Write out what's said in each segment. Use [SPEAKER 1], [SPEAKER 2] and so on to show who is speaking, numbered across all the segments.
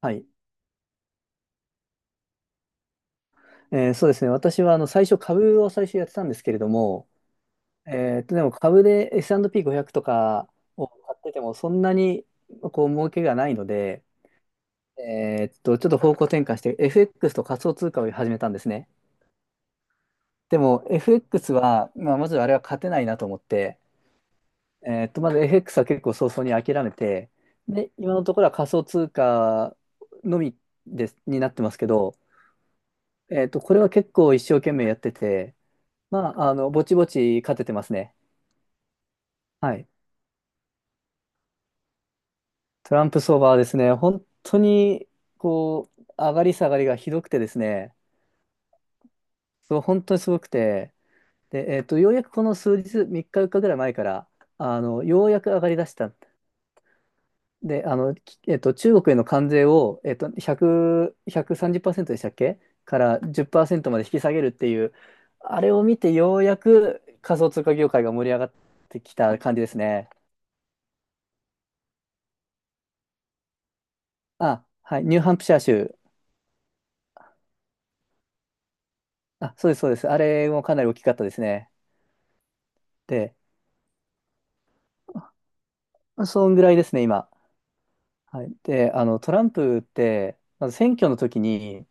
[SPEAKER 1] はい。そうですね。私は、最初、株を最初やってたんですけれども、でも株で S&P500 とかを買ってても、そんなに、儲けがないので、ちょっと方向転換して、FX と仮想通貨を始めたんですね。でも、FX は、まあ、まずあれは勝てないなと思って、まず FX は結構早々に諦めて、で、今のところは仮想通貨のみです、になってますけど、これは結構一生懸命やってて、まあ、ぼちぼち勝ててますね。はい。トランプ相場はですね、本当に、上がり下がりがひどくてですね、そう、本当にすごくて、で、ようやくこの数日、3日、4日ぐらい前から、ようやく上がり出した。で、あの、きえっと、中国への関税を、1パーセ30でしたっけ？から10%まで引き下げるっていう、あれを見て、ようやく仮想通貨業界が盛り上がってきた感じですね。あ、はい、ニューハンプシャー州。あ、そうです、そうです。あれもかなり大きかったですね。で、まあそんぐらいですね、今。はい。で、トランプって、まず選挙の時に、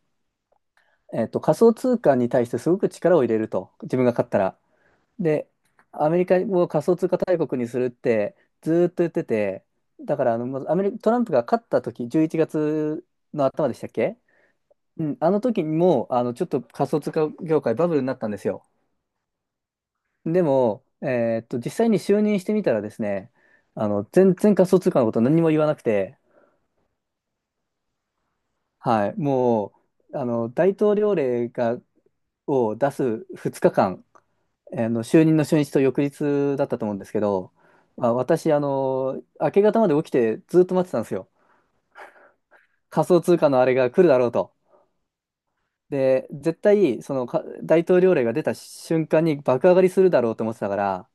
[SPEAKER 1] 仮想通貨に対してすごく力を入れると、自分が勝ったら。で、アメリカを仮想通貨大国にするってずーっと言ってて、だから、まずアメリカ、トランプが勝った時、11月の頭でしたっけ？うん、あの時にも、ちょっと仮想通貨業界バブルになったんですよ。でも、実際に就任してみたらですね、全然仮想通貨のこと何も言わなくて、はい、もう、大統領令を出す2日間、就任の初日と翌日だったと思うんですけど、まあ、私、明け方まで起きてずっと待ってたんですよ。仮想通貨のあれが来るだろうと。で、絶対、大統領令が出た瞬間に爆上がりするだろうと思ってたから、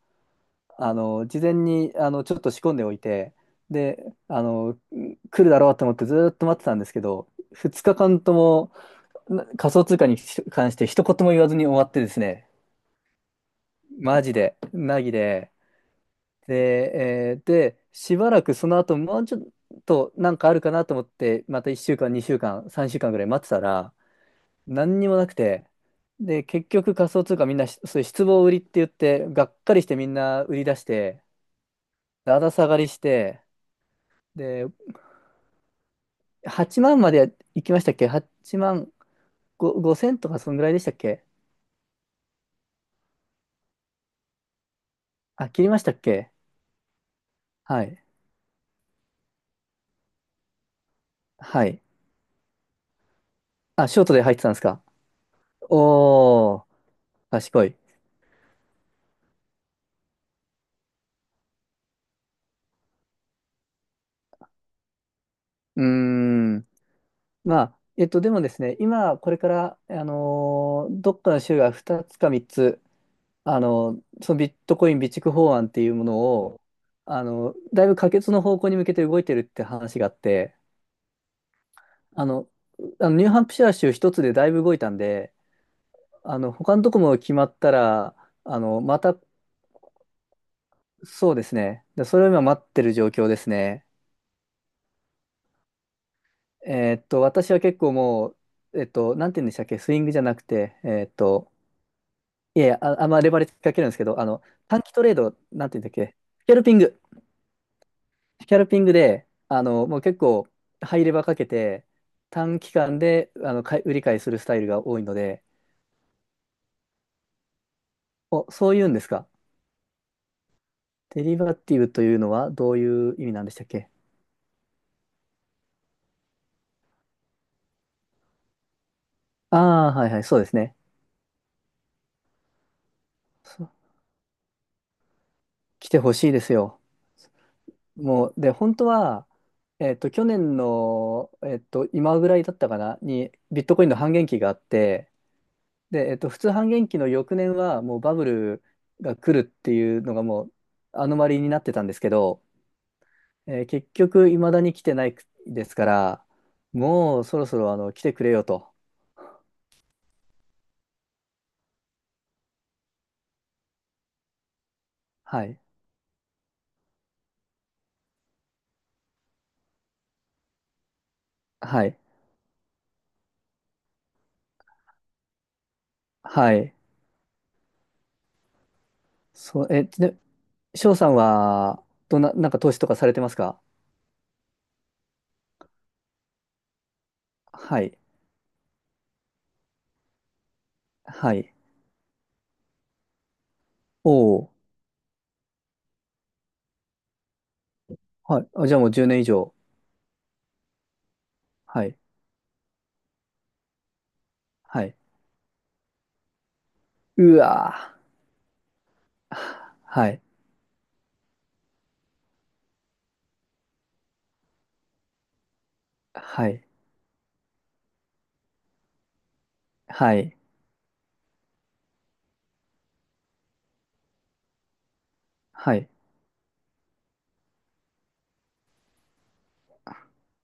[SPEAKER 1] 事前に、ちょっと仕込んでおいて、で、あの、来るだろうと思ってずーっと待ってたんですけど、2日間とも仮想通貨に関して一言も言わずに終わってですね、マジで、なぎで、で、しばらくその後、もうちょっとなんかあるかなと思って、また1週間、2週間、3週間ぐらい待ってたら、何にもなくて、で、結局仮想通貨みんなし、そういう失望売りって言って、がっかりしてみんな売り出して、だだ下がりして、で、8万まで行きましたっけ？ 8 万5、千とかそんぐらいでしたっけ？あ、切りましたっけ？はい。はい。あ、ショートで入ってたんですか？おー、賢い。うーん。まあ、でもですね、今、これから、どっかの州が2つか3つ、あのそのビットコイン備蓄法案っていうものを、だいぶ可決の方向に向けて動いてるって話があって、あの、あのニューハンプシャー州一つでだいぶ動いたんで、他のとこも決まったら、また、そうですね。で、それを今待ってる状況ですね。私は結構もう、なんて言うんでしたっけ、スイングじゃなくて、いやいや、あ、あんまレバレッジかけるんですけど、短期トレード、なんて言うんだっけ、スキャルピング。スキャルピングで、もう結構、ハイレバーかけて、短期間で、買い売り買いするスタイルが多いので、お、そういうんですか。デリバティブというのはどういう意味なんでしたっけ？ああー、はいはい、そうですね。来てほしいですよ。もう、で、本当は、去年の、今ぐらいだったかな、に、ビットコインの半減期があって、で、普通半減期の翌年は、もうバブルが来るっていうのが、もう、アノマリーになってたんですけど、結局、未だに来てないですから、もう、そろそろ、来てくれよと。はい。はい。はい。そう、で、翔さんは、どんな、なんか投資とかされてますか？はい。はい。おお。はい。あ、じゃあもう10年以上。はい。はい。うわぁ。はい。はい。はい。はい。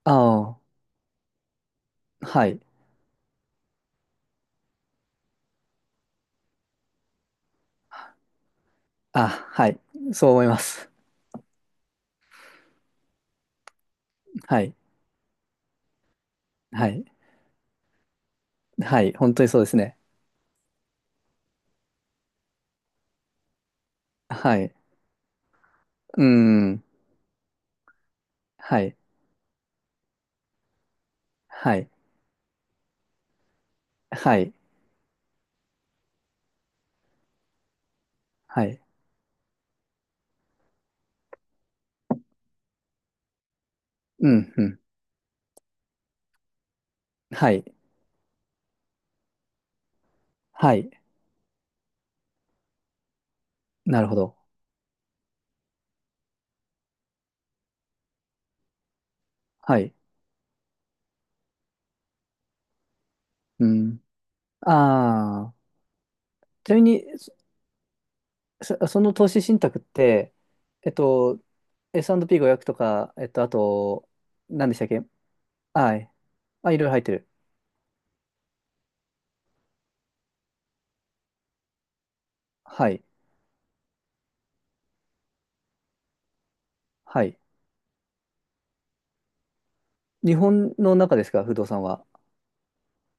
[SPEAKER 1] ああ。はい。あ、はい。そう思います。はい。はい。はい。本当にそうですね。はい。うーん。はい。はい。はい。はい。うん。うん。はい。はい。なるほど。はい。うん。ああ。ちなみに、その投資信託って、えっと、S&P500 とか、あと、何でしたっけ？はい。あ、いろいろ入ってる。はい。はい。日本の中ですか、不動産は？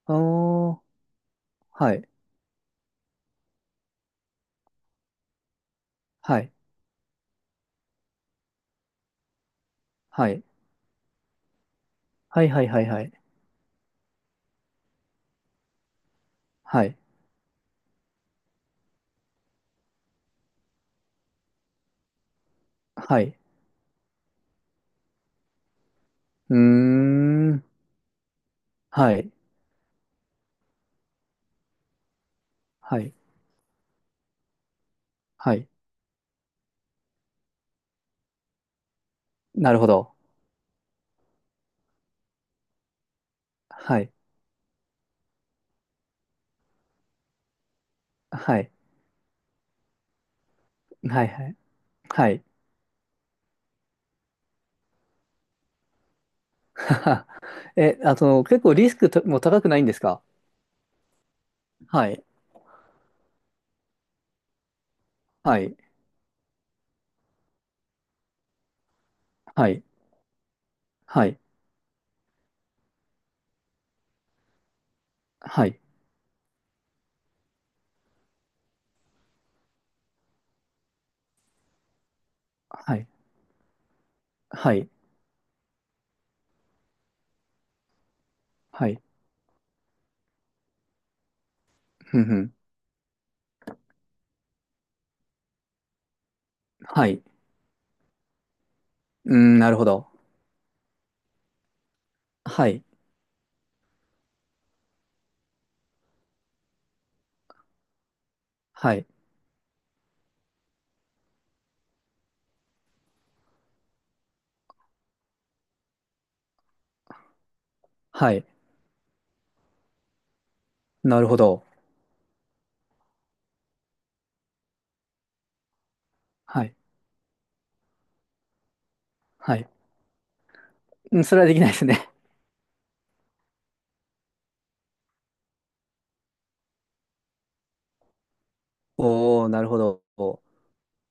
[SPEAKER 1] あー、はい。はい。はい。はいはいはいはい。はい。はい。うーん。はい。はい。はい。なるほど。はい。はい。はいはい。はい。はは。え、あと、結構リスクとも高くないんですか？はい。はい。はい。はい。はい。はい。はい。はい。ふんふん。はい。うーん、なるほど。はい。はい。はい。なるほど。はい。はい。うん、それはできないですね。おー、なるほど。